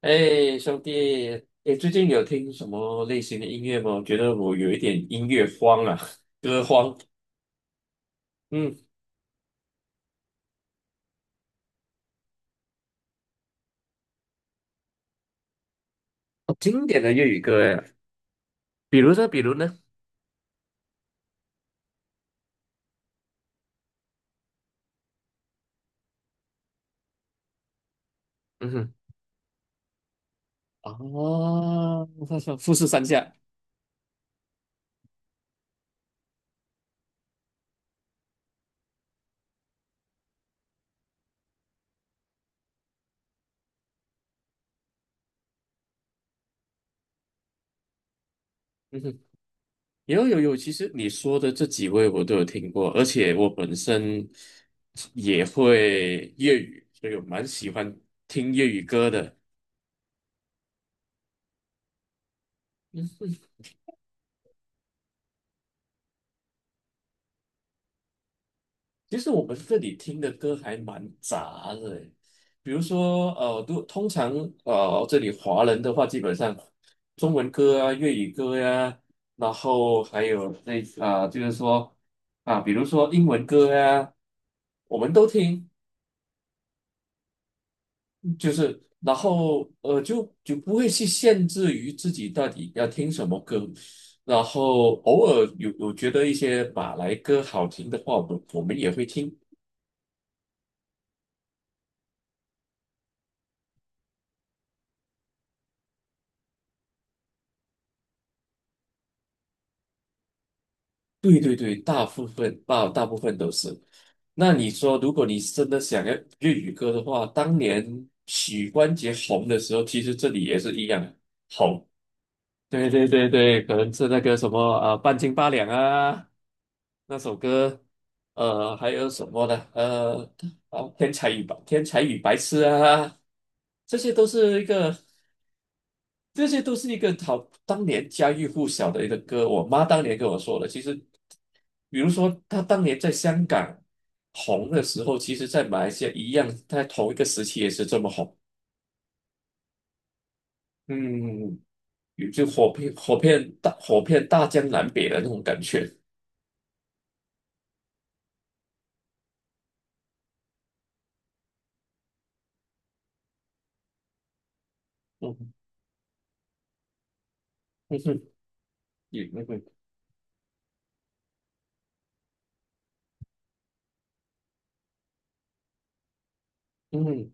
哎，兄弟，哎，最近有听什么类型的音乐吗？我觉得我有一点音乐荒啊，歌荒。嗯，哦经典的粤语歌哎，比如说，比如呢，嗯哼，哦，富士山下，嗯哼，有有有，其实你说的这几位我都有听过，而且我本身也会粤语，所以我蛮喜欢听粤语歌的。其实我们这里听的歌还蛮杂的诶，比如说都通常这里华人的话，基本上中文歌啊、粤语歌呀、然后还有那啊、就是说啊，比如说英文歌呀、我们都听，就是然后就不会去限制于自己到底要听什么歌，然后偶尔有觉得一些马来歌好听的话，我们也会听。对对对，大部分都是。那你说，如果你真的想要粤语歌的话，当年许冠杰红的时候，其实这里也是一样红。对对对对，可能是那个什么啊，半斤八两》啊，那首歌，还有什么呢？哦，天才与白痴》啊，这些都是一个。这些都是一个好当年家喻户晓的一个歌。我妈当年跟我说的，其实，比如说她当年在香港红的时候，其实在马来西亚一样，在同一个时期也是这么红。嗯，有就火遍大江南北的那种感觉。嗯嗯哼，也那个嗯，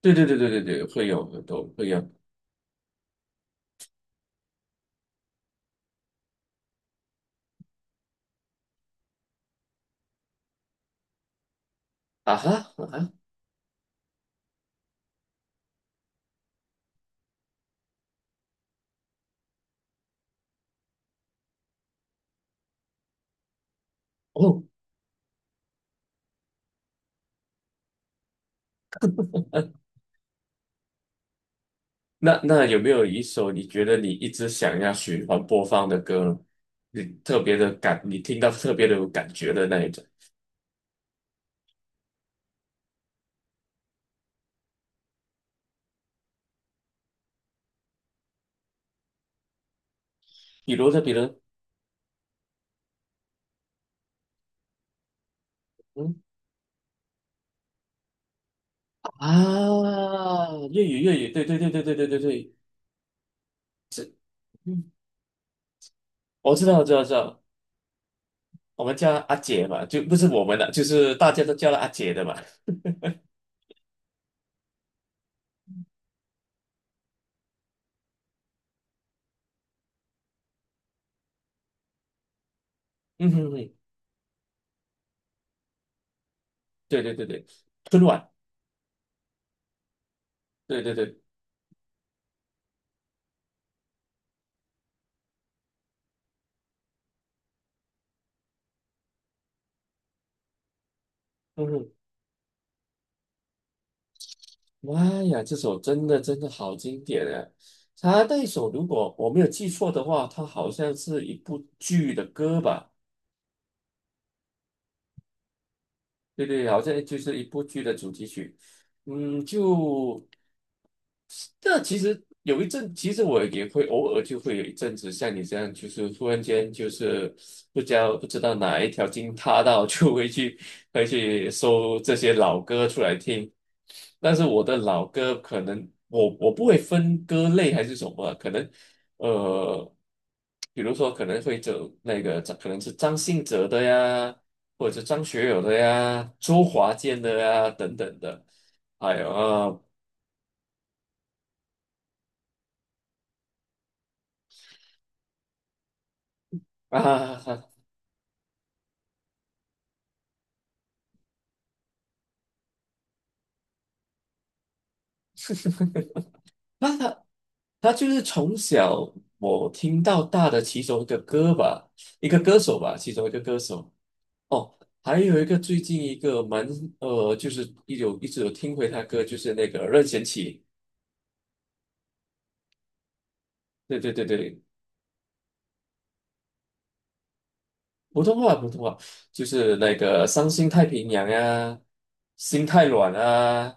对对对对对对，会有很都会有啊哈啊哈哦，那那有没有一首你觉得你一直想要循环播放的歌呢？你特别的感，你听到特别的有感觉的那一种，比如呢，比如，嗯啊，粤语粤语，对对对对对对对对，嗯，我知道知道知道，我们叫她阿姐嘛，就不是我们的，就是大家都叫了阿姐的嘛，嗯哼哼，对对对对，春晚，对对对，嗯哼。妈呀，这首真的真的好经典啊！他那一首如果我没有记错的话，他好像是一部剧的歌吧？对对，好像就是一部剧的主题曲。嗯，就这其实有一阵，其实我也会偶尔就会有一阵子像你这样，就是突然间就是不知道哪一条筋塌到，就会去会去搜这些老歌出来听。但是我的老歌可能我不会分歌类还是什么，可能呃，比如说可能会走那个张可能是张信哲的呀，或者是张学友的呀，周华健的呀等等的，还有啊。啊，啊他就是从小我听到大的其中一个歌吧，一个歌手吧，其中一个歌手。哦，还有一个最近一个蛮就是一有一直有听回他歌，就是那个任贤齐。对对对对，普通话普通话，就是那个《伤心太平洋》啊，《心太软》啊，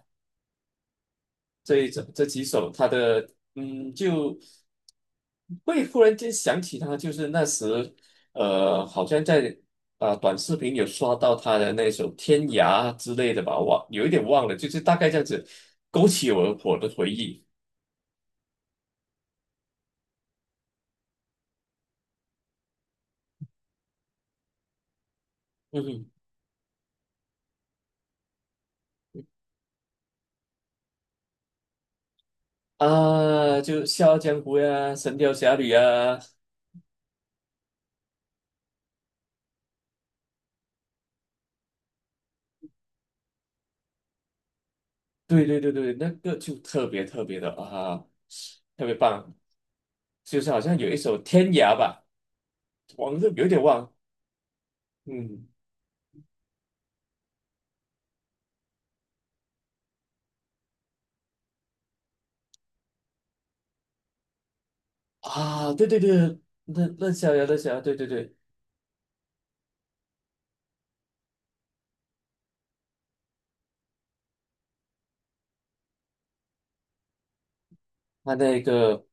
这一种这几首，他的嗯，就会忽然间想起他，就是那时好像在短视频有刷到他的那首《天涯》之类的吧，忘有一点忘了，就是大概这样子勾起我的回忆。嗯哼，啊，就《笑傲江湖》呀，《神雕侠侣》啊，对对对对，那个就特别特别的啊，特别棒，就是好像有一首《天涯》吧，忘了有点忘，嗯。啊，对对对，那那逍遥，那逍遥，对对对，他那个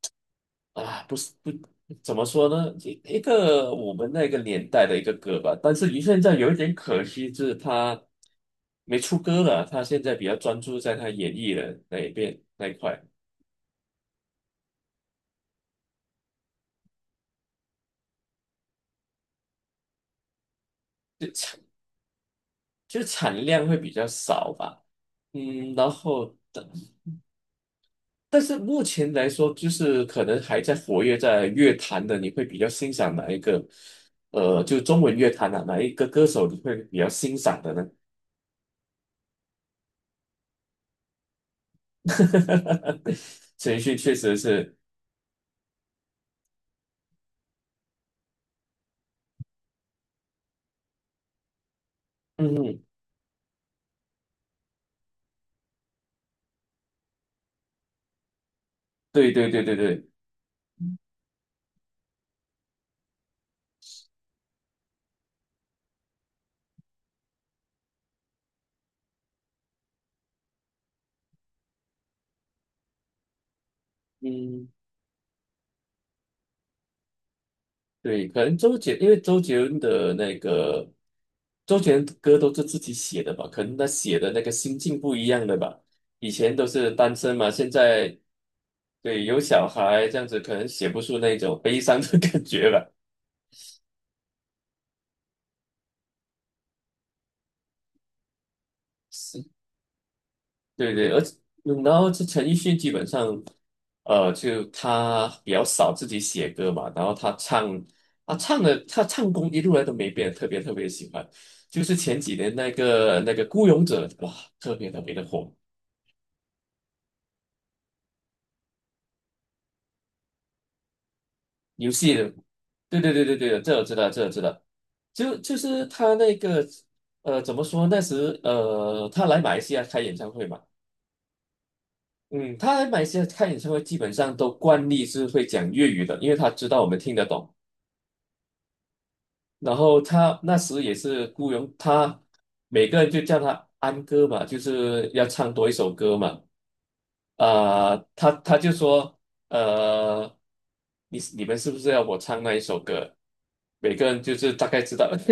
啊，不是不怎么说呢，一个我们那个年代的一个歌吧，但是于现在有一点可惜，就是他没出歌了，他现在比较专注在他演艺的那一边那一块，就产就产量会比较少吧，嗯，然后。但是目前来说，就是可能还在活跃在乐坛的，你会比较欣赏哪一个？就中文乐坛啊，哪一个歌手你会比较欣赏的呢？陈奕迅确实是，嗯，对对对对对，嗯。对，可能周杰，因为周杰伦的那个周杰伦的歌都是自己写的吧，可能他写的那个心境不一样的吧。以前都是单身嘛，现在对有小孩这样子，可能写不出那种悲伤的 感觉了。对对，而且嗯然后这陈奕迅基本上，就他比较少自己写歌嘛，然后他唱，他唱的他唱功一路来都没变，特别特别喜欢。就是前几年那个《孤勇者》，哇，特别特别的火，游戏的，对对对对对，这我知道，这我知道，就就是他那个，呃，怎么说？那时他来马来西亚开演唱会嘛。嗯，他来马来西亚开演唱会，基本上都惯例是会讲粤语的，因为他知道我们听得懂。然后他那时也是雇佣他，每个人就叫他安哥嘛，就是要唱多一首歌嘛。啊、他就说，呃，你你们是不是要我唱那一首歌？每个人就是大概知道，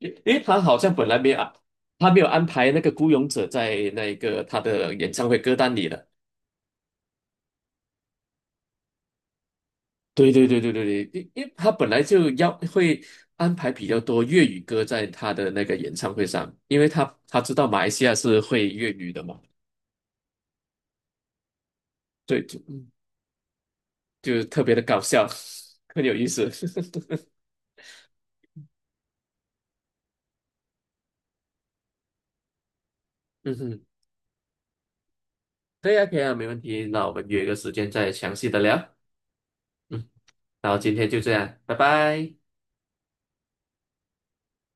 因为他好像本来没有安，他没有安排那个孤勇者在那个他的演唱会歌单里的。对对对对对对，因为他本来就要会安排比较多粤语歌在他的那个演唱会上，因为他他知道马来西亚是会粤语的嘛，对，就嗯就特别的搞笑，很有意思。嗯哼，对呀，可以啊，没问题。那我们约个时间再详细的聊。嗯，然后今天就这样，拜拜。